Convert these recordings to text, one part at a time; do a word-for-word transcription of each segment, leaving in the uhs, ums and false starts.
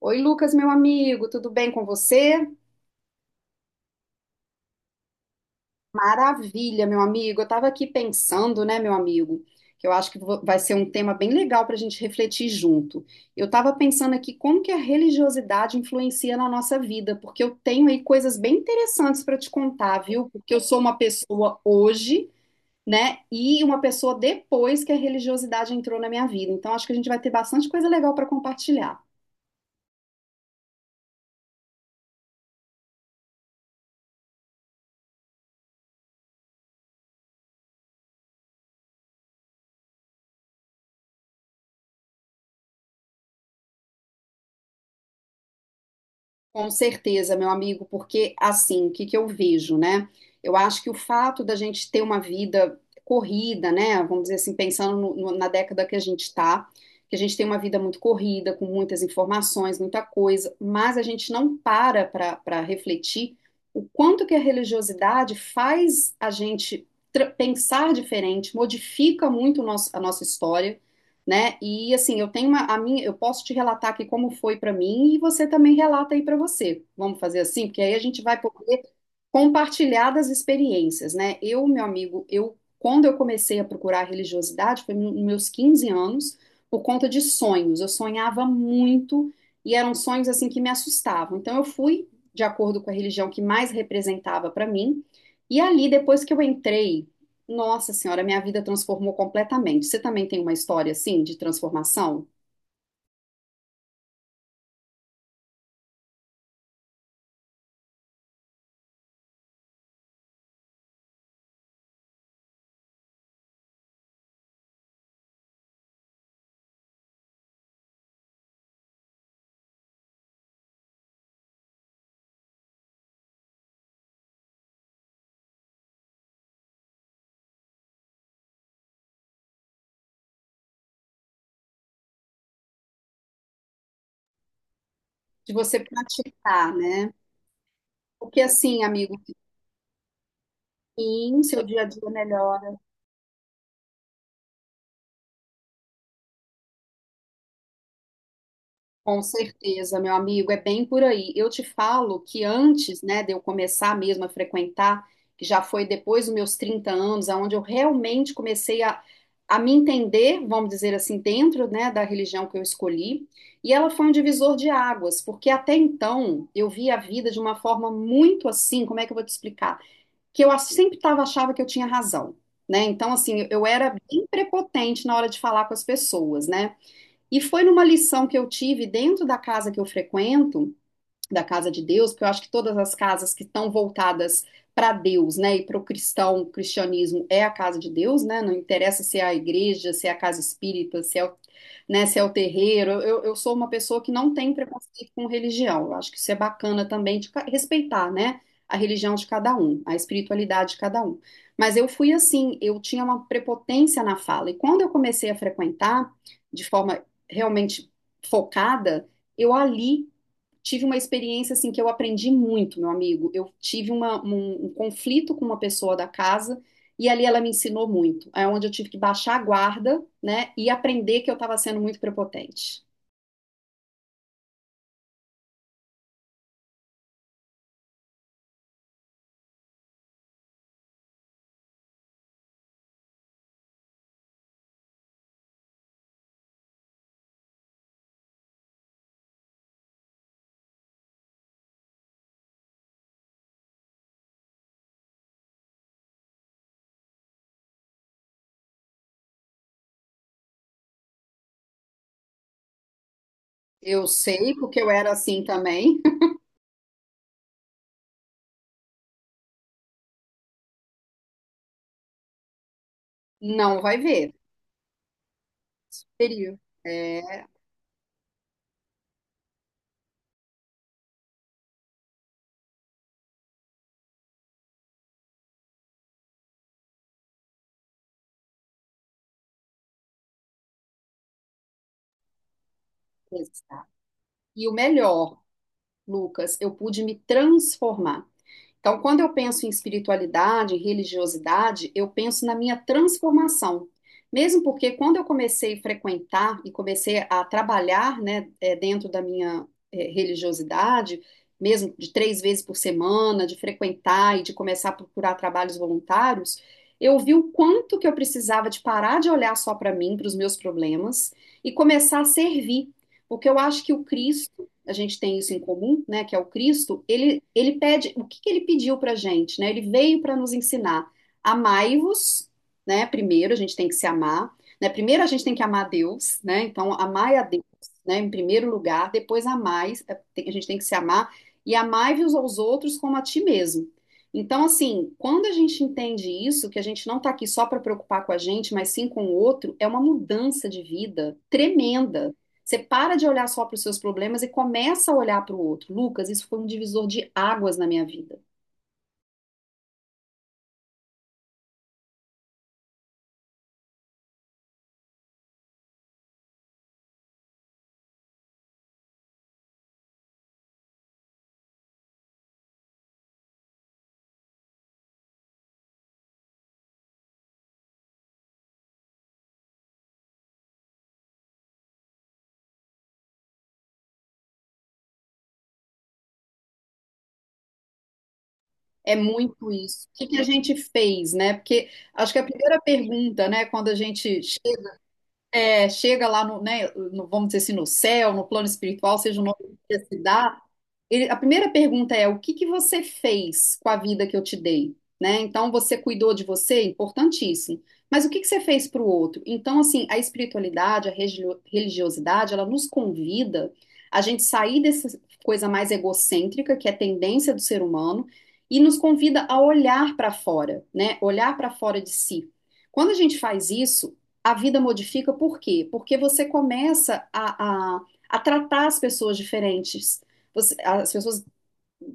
Oi, Lucas, meu amigo, tudo bem com você? Maravilha, meu amigo. Eu estava aqui pensando, né, meu amigo, que eu acho que vo- vai ser um tema bem legal para a gente refletir junto. Eu estava pensando aqui como que a religiosidade influencia na nossa vida, porque eu tenho aí coisas bem interessantes para te contar, viu? Porque eu sou uma pessoa hoje, né, e uma pessoa depois que a religiosidade entrou na minha vida. Então, acho que a gente vai ter bastante coisa legal para compartilhar. Com certeza, meu amigo, porque assim, o que que eu vejo, né? Eu acho que o fato da gente ter uma vida corrida, né? Vamos dizer assim, pensando no- no- na década que a gente está, que a gente tem uma vida muito corrida, com muitas informações, muita coisa, mas a gente não para para para refletir o quanto que a religiosidade faz a gente tra- pensar diferente, modifica muito o nosso- a nossa história, né? E assim, eu tenho uma, a minha, eu posso te relatar aqui como foi para mim e você também relata aí para você. Vamos fazer assim, porque aí a gente vai poder compartilhar das experiências, né? Eu, meu amigo, eu quando eu comecei a procurar religiosidade foi nos meus quinze anos, por conta de sonhos. Eu sonhava muito e eram sonhos assim que me assustavam. Então eu fui de acordo com a religião que mais representava para mim. E ali, depois que eu entrei nossa Senhora, minha vida transformou completamente. Você também tem uma história assim de transformação? De você praticar, né? Porque assim, amigo, sim, seu dia a dia melhora. Com certeza, meu amigo, é bem por aí. Eu te falo que antes, né, de eu começar mesmo a frequentar, que já foi depois dos meus trinta anos, aonde eu realmente comecei a, a me entender, vamos dizer assim, dentro, né, da religião que eu escolhi, e ela foi um divisor de águas, porque até então eu via a vida de uma forma muito assim, como é que eu vou te explicar? Que eu sempre tava, achava que eu tinha razão, né? Então, assim, eu era bem prepotente na hora de falar com as pessoas, né? E foi numa lição que eu tive dentro da casa que eu frequento, da casa de Deus, porque eu acho que todas as casas que estão voltadas para Deus, né, e para o cristão, o cristianismo é a casa de Deus, né, não interessa se é a igreja, se é a casa espírita, se é o, né, se é o terreiro. eu, eu sou uma pessoa que não tem preconceito com religião, eu acho que isso é bacana também de ca- respeitar, né, a religião de cada um, a espiritualidade de cada um, mas eu fui assim, eu tinha uma prepotência na fala, e quando eu comecei a frequentar de forma realmente focada, eu ali tive uma experiência assim que eu aprendi muito, meu amigo. Eu tive uma- um, um conflito com uma pessoa da casa e ali ela me ensinou muito. É onde eu tive que baixar a guarda, né, e aprender que eu estava sendo muito prepotente. Eu sei porque eu era assim também. Não vai ver. Superior. É. E o melhor, Lucas, eu pude me transformar. Então, quando eu penso em espiritualidade, em religiosidade, eu penso na minha transformação. Mesmo porque quando eu comecei a frequentar e comecei a trabalhar, né, eh, dentro da minha, eh, religiosidade, mesmo de três vezes por semana, de frequentar e de começar a procurar trabalhos voluntários, eu vi o quanto que eu precisava de parar de olhar só para mim, para os meus problemas, e começar a servir. Porque eu acho que o Cristo, a gente tem isso em comum, né, que é o Cristo, ele, ele pede, o que que ele pediu para a gente, né? Ele veio para nos ensinar, amai-vos, né? Primeiro a gente tem que se amar, né? Primeiro a gente tem que amar Deus, né? Então, amai a Deus, né, em primeiro lugar, depois amai, a gente tem que se amar, e amai-vos aos outros como a ti mesmo. Então, assim, quando a gente entende isso, que a gente não está aqui só para preocupar com a gente, mas sim com o outro, é uma mudança de vida tremenda. Você para de olhar só para os seus problemas e começa a olhar para o outro. Lucas, isso foi um divisor de águas na minha vida. É muito isso. O que que a gente fez, né? Porque acho que a primeira pergunta, né, quando a gente é, chega lá no, né, no- vamos dizer assim, no céu, no plano espiritual, seja o nome que você se dá, ele- a primeira pergunta é: o que que você fez com a vida que eu te dei? Né? Então, você cuidou de você? Importantíssimo. Mas o que que você fez para o outro? Então, assim, a espiritualidade, a religio- religiosidade, ela nos convida a gente sair dessa coisa mais egocêntrica, que é a tendência do ser humano, e nos convida a olhar para fora, né? Olhar para fora de si. Quando a gente faz isso, a vida modifica por quê? Porque você começa a, a, a tratar as pessoas diferentes. Você- as pessoas,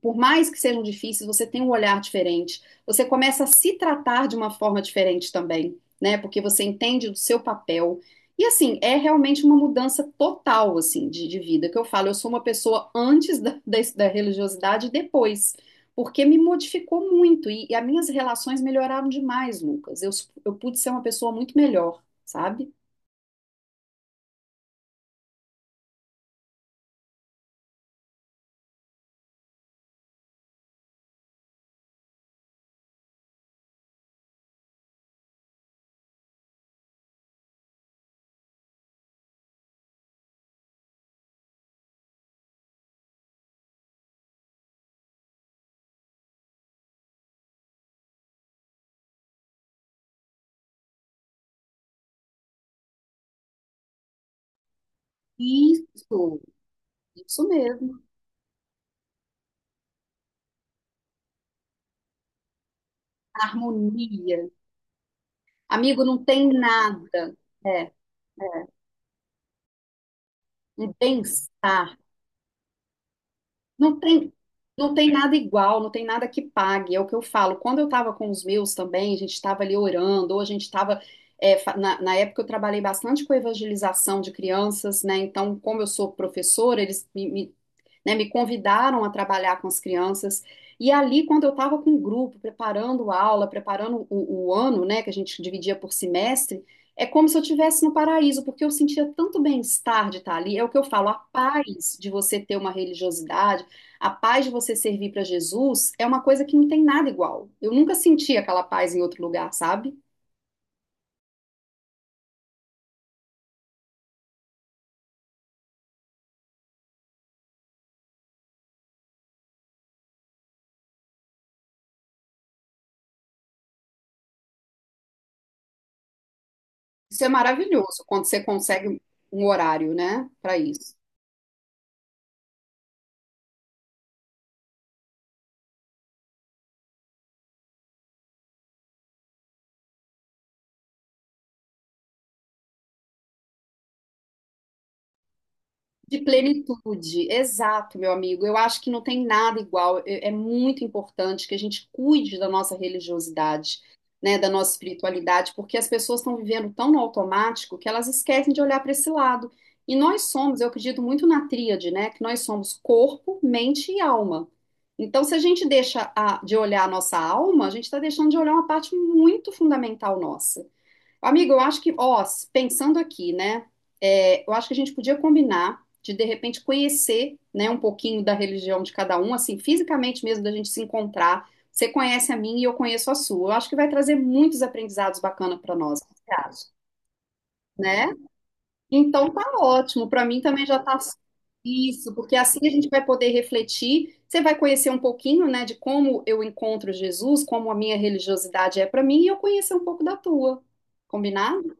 por mais que sejam difíceis, você tem um olhar diferente. Você começa a se tratar de uma forma diferente também, né? Porque você entende do seu papel. E assim, é realmente uma mudança total, assim, de, de vida. Que eu falo, eu sou uma pessoa antes da, da, da religiosidade e depois. Porque me modificou muito. E, e as minhas relações melhoraram demais, Lucas. Eu, eu pude ser uma pessoa muito melhor, sabe? Isso. Isso mesmo. Harmonia. Amigo, não tem nada. É. E bem-estar. Não tem, não tem nada igual, não tem nada que pague. É o que eu falo. Quando eu estava com os meus também, a gente estava ali orando, ou a gente estava. é, fa- na, na época eu trabalhei bastante com evangelização de crianças, né? Então, como eu sou professora, eles me, me, né, me convidaram a trabalhar com as crianças. E ali, quando eu estava com o grupo, preparando a aula, preparando o, o ano, né, que a gente dividia por semestre, é como se eu estivesse no paraíso, porque eu sentia tanto bem-estar de estar ali. É o que eu falo, a paz de você ter uma religiosidade, a paz de você servir para Jesus é uma coisa que não tem nada igual. Eu nunca senti aquela paz em outro lugar, sabe? Isso é maravilhoso quando você consegue um horário, né, para isso. De plenitude, exato, meu amigo. Eu acho que não tem nada igual. É, é muito importante que a gente cuide da nossa religiosidade, né, da nossa espiritualidade, porque as pessoas estão vivendo tão no automático que elas esquecem de olhar para esse lado. E nós somos, eu acredito muito na tríade, né, que nós somos corpo, mente e alma. Então, se a gente deixa a- de olhar a nossa alma, a gente está deixando de olhar uma parte muito fundamental nossa. Amigo, eu acho que, ó, s- pensando aqui, né? É, eu acho que a gente podia combinar de de repente conhecer, né, um pouquinho da religião de cada um, assim, fisicamente mesmo, da gente se encontrar. Você conhece a minha e eu conheço a sua. Eu acho que vai trazer muitos aprendizados bacanas para nós, né? Então tá ótimo. Para mim também já tá isso, porque assim a gente vai poder refletir. Você vai conhecer um pouquinho, né, de como eu encontro Jesus, como a minha religiosidade é para mim, e eu conhecer um pouco da tua. Combinado?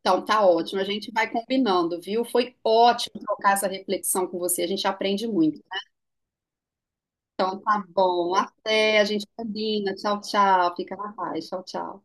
Então, tá ótimo. A gente vai combinando, viu? Foi ótimo trocar essa reflexão com você. A gente aprende muito. Então, tá bom. Até. A gente combina. Tchau, tchau. Fica na paz. Tchau, tchau.